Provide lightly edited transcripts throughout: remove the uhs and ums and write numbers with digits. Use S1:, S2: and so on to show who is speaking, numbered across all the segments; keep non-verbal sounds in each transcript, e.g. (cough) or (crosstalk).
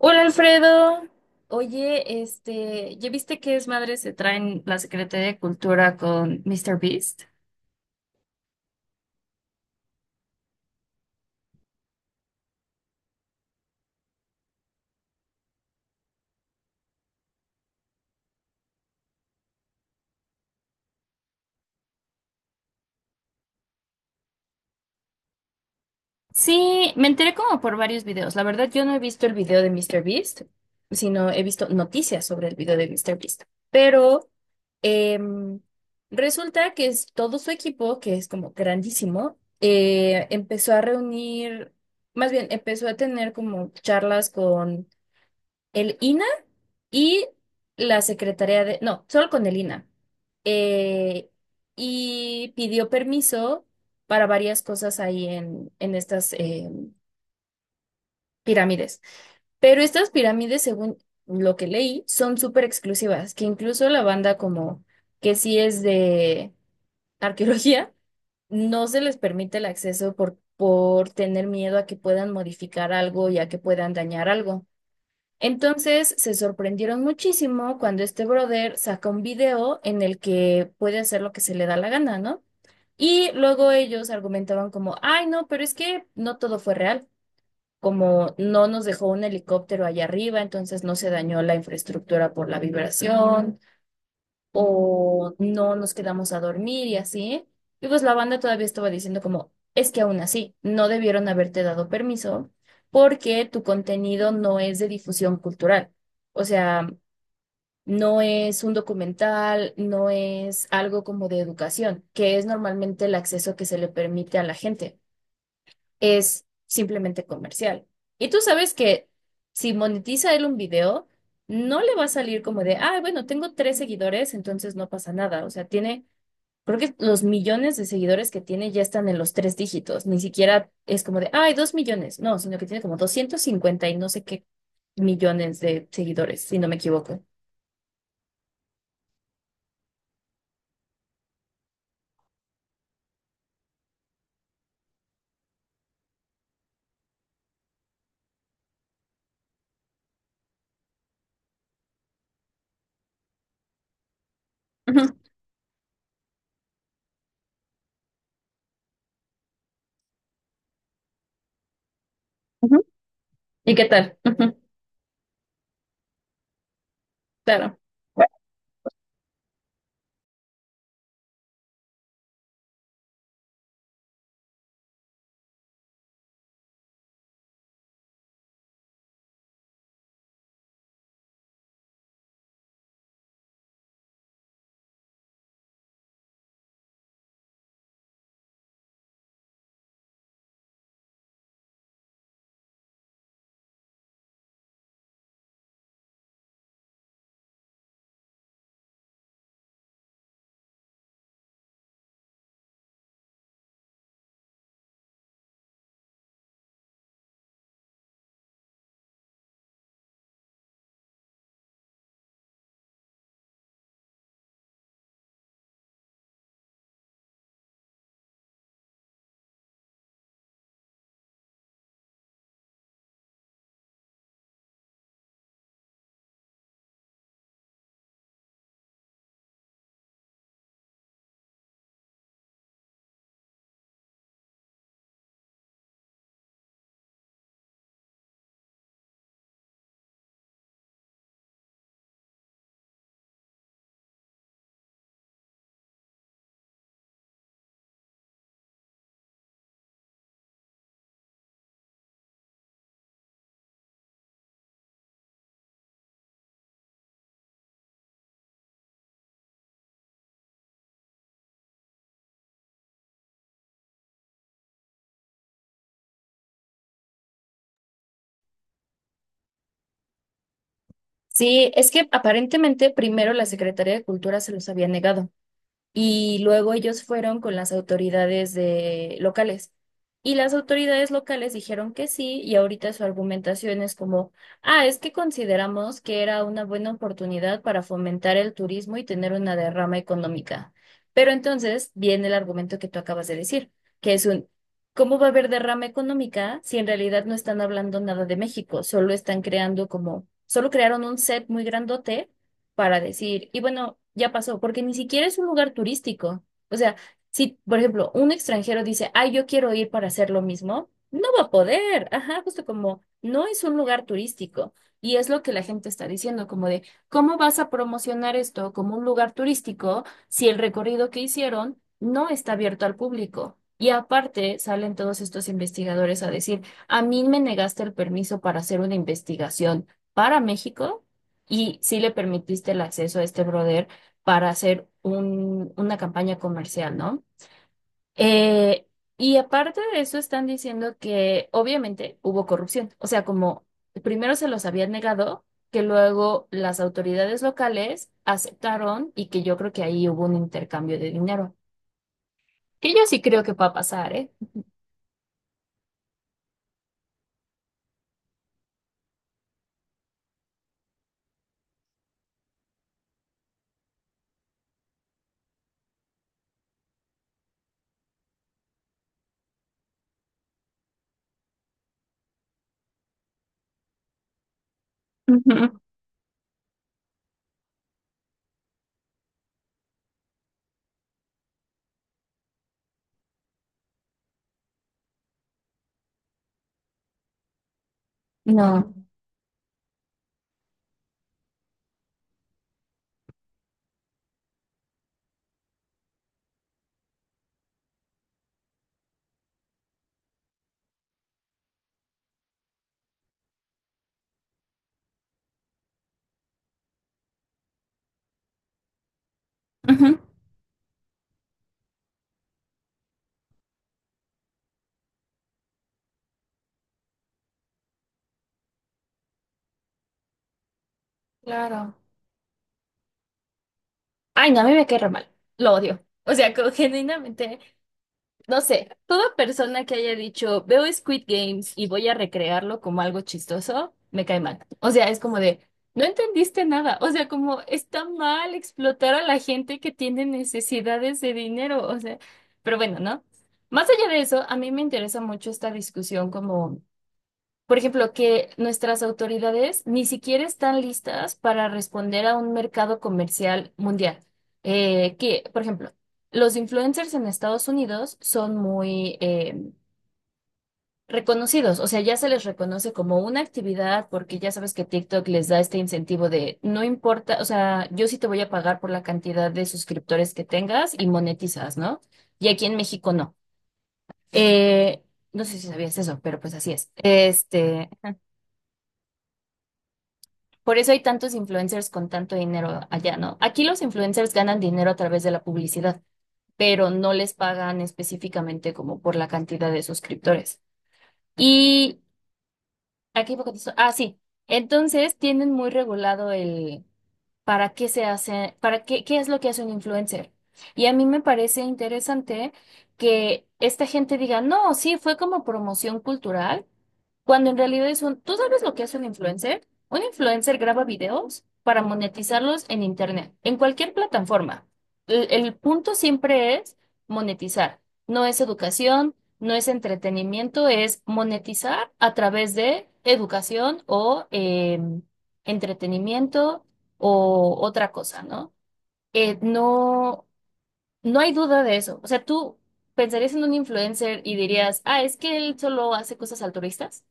S1: Hola Alfredo, oye, este, ¿ya viste que es madre se traen la Secretaría de Cultura con Mr. Beast? Sí, me enteré como por varios videos. La verdad, yo no he visto el video de Mr. Beast, sino he visto noticias sobre el video de Mr. Beast. Pero Em, resulta que es todo su equipo, que es como grandísimo, empezó a reunir, más bien empezó a tener como charlas con el INA y la secretaría de, no, solo con el INA. Eh, y pidió permiso para varias cosas ahí en estas pirámides. Pero estas pirámides, según lo que leí, son súper exclusivas, que incluso la banda como que sí es de arqueología, no se les permite el acceso por tener miedo a que puedan modificar algo y a que puedan dañar algo. Entonces se sorprendieron muchísimo cuando este brother saca un video en el que puede hacer lo que se le da la gana, ¿no? Y luego ellos argumentaban como, ay, no, pero es que no todo fue real, como no nos dejó un helicóptero allá arriba, entonces no se dañó la infraestructura por la vibración, o no nos quedamos a dormir y así. Y pues la banda todavía estaba diciendo como, es que aún así, no debieron haberte dado permiso porque tu contenido no es de difusión cultural. O sea, no es un documental, no es algo como de educación, que es normalmente el acceso que se le permite a la gente es simplemente comercial. Y tú sabes que si monetiza él un video, no le va a salir como de, ah, bueno, tengo tres seguidores, entonces no pasa nada. O sea, tiene, creo que los millones de seguidores que tiene ya están en los tres dígitos. Ni siquiera es como de, ay, 2 millones. No, sino que tiene como 250 y no sé qué millones de seguidores, si no me equivoco. Ujú. ¿Y qué tal? Ujú. Claro. Sí, es que aparentemente primero la Secretaría de Cultura se los había negado. Y luego ellos fueron con las autoridades de locales. Y las autoridades locales dijeron que sí, y ahorita su argumentación es como, ah, es que consideramos que era una buena oportunidad para fomentar el turismo y tener una derrama económica. Pero entonces viene el argumento que tú acabas de decir, que es un, ¿cómo va a haber derrama económica si en realidad no están hablando nada de México? Solo están creando como, solo crearon un set muy grandote para decir, y bueno, ya pasó, porque ni siquiera es un lugar turístico. O sea, si, por ejemplo, un extranjero dice, ay, yo quiero ir para hacer lo mismo, no va a poder. Ajá, justo como no es un lugar turístico. Y es lo que la gente está diciendo, como de, ¿cómo vas a promocionar esto como un lugar turístico si el recorrido que hicieron no está abierto al público? Y aparte salen todos estos investigadores a decir, a mí me negaste el permiso para hacer una investigación para México y sí le permitiste el acceso a este brother para hacer un, una campaña comercial, ¿no? Eh, y aparte de eso están diciendo que obviamente hubo corrupción, o sea, como primero se los habían negado, que luego las autoridades locales aceptaron y que yo creo que ahí hubo un intercambio de dinero, que yo sí creo que va a pasar, ¿eh? Ujú. No. Ujú. Claro. Ay, no, a mí me cae re mal. Lo odio. O sea, que (laughs) genuinamente no sé, toda persona que haya dicho, veo Squid Games y voy a recrearlo como algo chistoso, me cae mal. O sea, es como de, no entendiste nada. O sea, como está mal explotar a la gente que tiene necesidades de dinero. O sea, pero bueno, ¿no? Más allá de eso, a mí me interesa mucho esta discusión como por ejemplo, que nuestras autoridades ni siquiera están listas para responder a un mercado comercial mundial. Que, por ejemplo, los influencers en Estados Unidos son muy reconocidos, o sea, ya se les reconoce como una actividad porque ya sabes que TikTok les da este incentivo de no importa, o sea, yo sí te voy a pagar por la cantidad de suscriptores que tengas y monetizas, ¿no? Y aquí en México no. Eh, no sé si sabías eso, pero pues así es. Por eso hay tantos influencers con tanto dinero allá, ¿no? Aquí los influencers ganan dinero a través de la publicidad, pero no les pagan específicamente como por la cantidad de suscriptores. Y aquí poco. Ah, sí. Entonces tienen muy regulado el para qué se hace, para qué, qué es lo que hace un influencer. Y a mí me parece interesante que esta gente diga, no, sí, fue como promoción cultural cuando en realidad es un... ¿Tú sabes lo que es un influencer? Un influencer graba videos para monetizarlos en internet, en cualquier plataforma. El punto siempre es monetizar. No es educación, no es entretenimiento, es monetizar a través de educación o entretenimiento o otra cosa, ¿no? No, no hay duda de eso. O sea, tú pensarías en un influencer y dirías, ah, es que él solo hace cosas altruistas.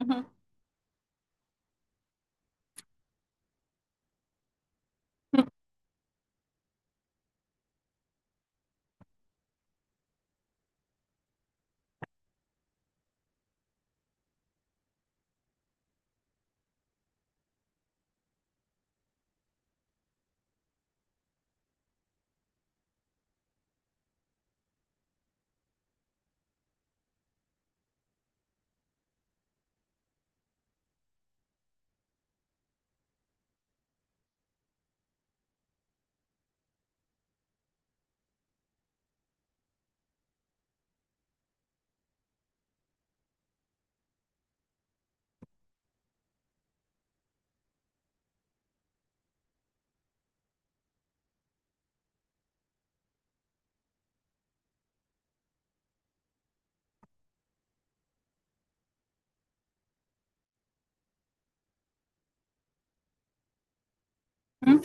S1: Ujú. (laughs) Mm.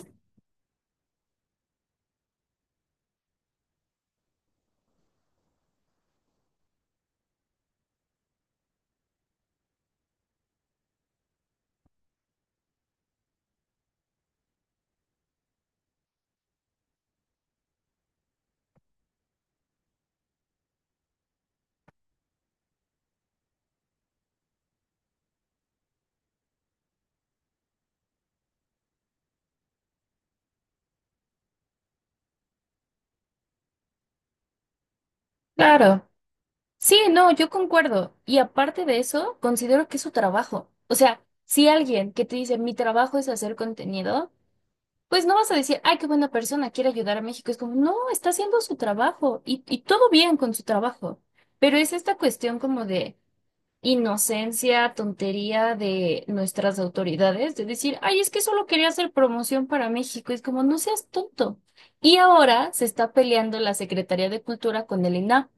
S1: Claro. Sí, no, yo concuerdo. Y aparte de eso, considero que es su trabajo. O sea, si alguien que te dice, mi trabajo es hacer contenido, pues no vas a decir, ay, qué buena persona, quiere ayudar a México. Es como, no, está haciendo su trabajo y todo bien con su trabajo. Pero es esta cuestión como de... inocencia, tontería de nuestras autoridades, de decir, ay, es que solo quería hacer promoción para México, es como, no seas tonto. Y ahora se está peleando la Secretaría de Cultura con el INAH,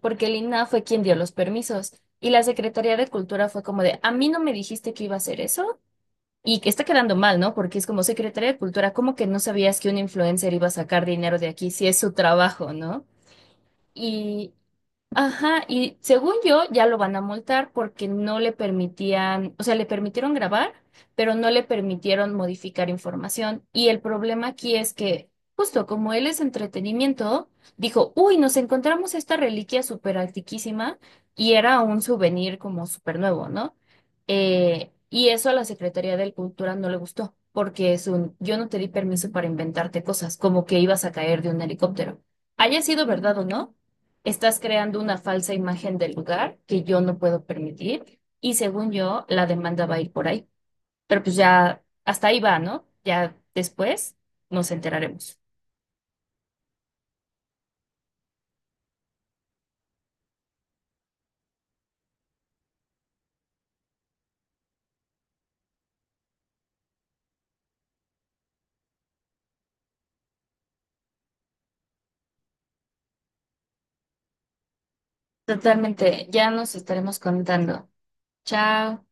S1: porque el INAH fue quien dio los permisos. Y la Secretaría de Cultura fue como de, a mí no me dijiste que iba a hacer eso. Y que está quedando mal, ¿no? Porque es como Secretaría de Cultura, ¿cómo que no sabías que un influencer iba a sacar dinero de aquí si es su trabajo, ¿no? Y, ajá, y según yo ya lo van a multar porque no le permitían, o sea, le permitieron grabar, pero no le permitieron modificar información. Y el problema aquí es que, justo como él es entretenimiento, dijo, uy, nos encontramos esta reliquia súper antiquísima y era un souvenir como súper nuevo, ¿no? Y eso a la Secretaría de Cultura no le gustó porque es un, yo no te di permiso para inventarte cosas, como que ibas a caer de un helicóptero. Haya sido verdad o no. Estás creando una falsa imagen del lugar que yo no puedo permitir y según yo, la demanda va a ir por ahí. Pero pues ya, hasta ahí va, ¿no? Ya después nos enteraremos. Totalmente, ya nos estaremos contando. Chao.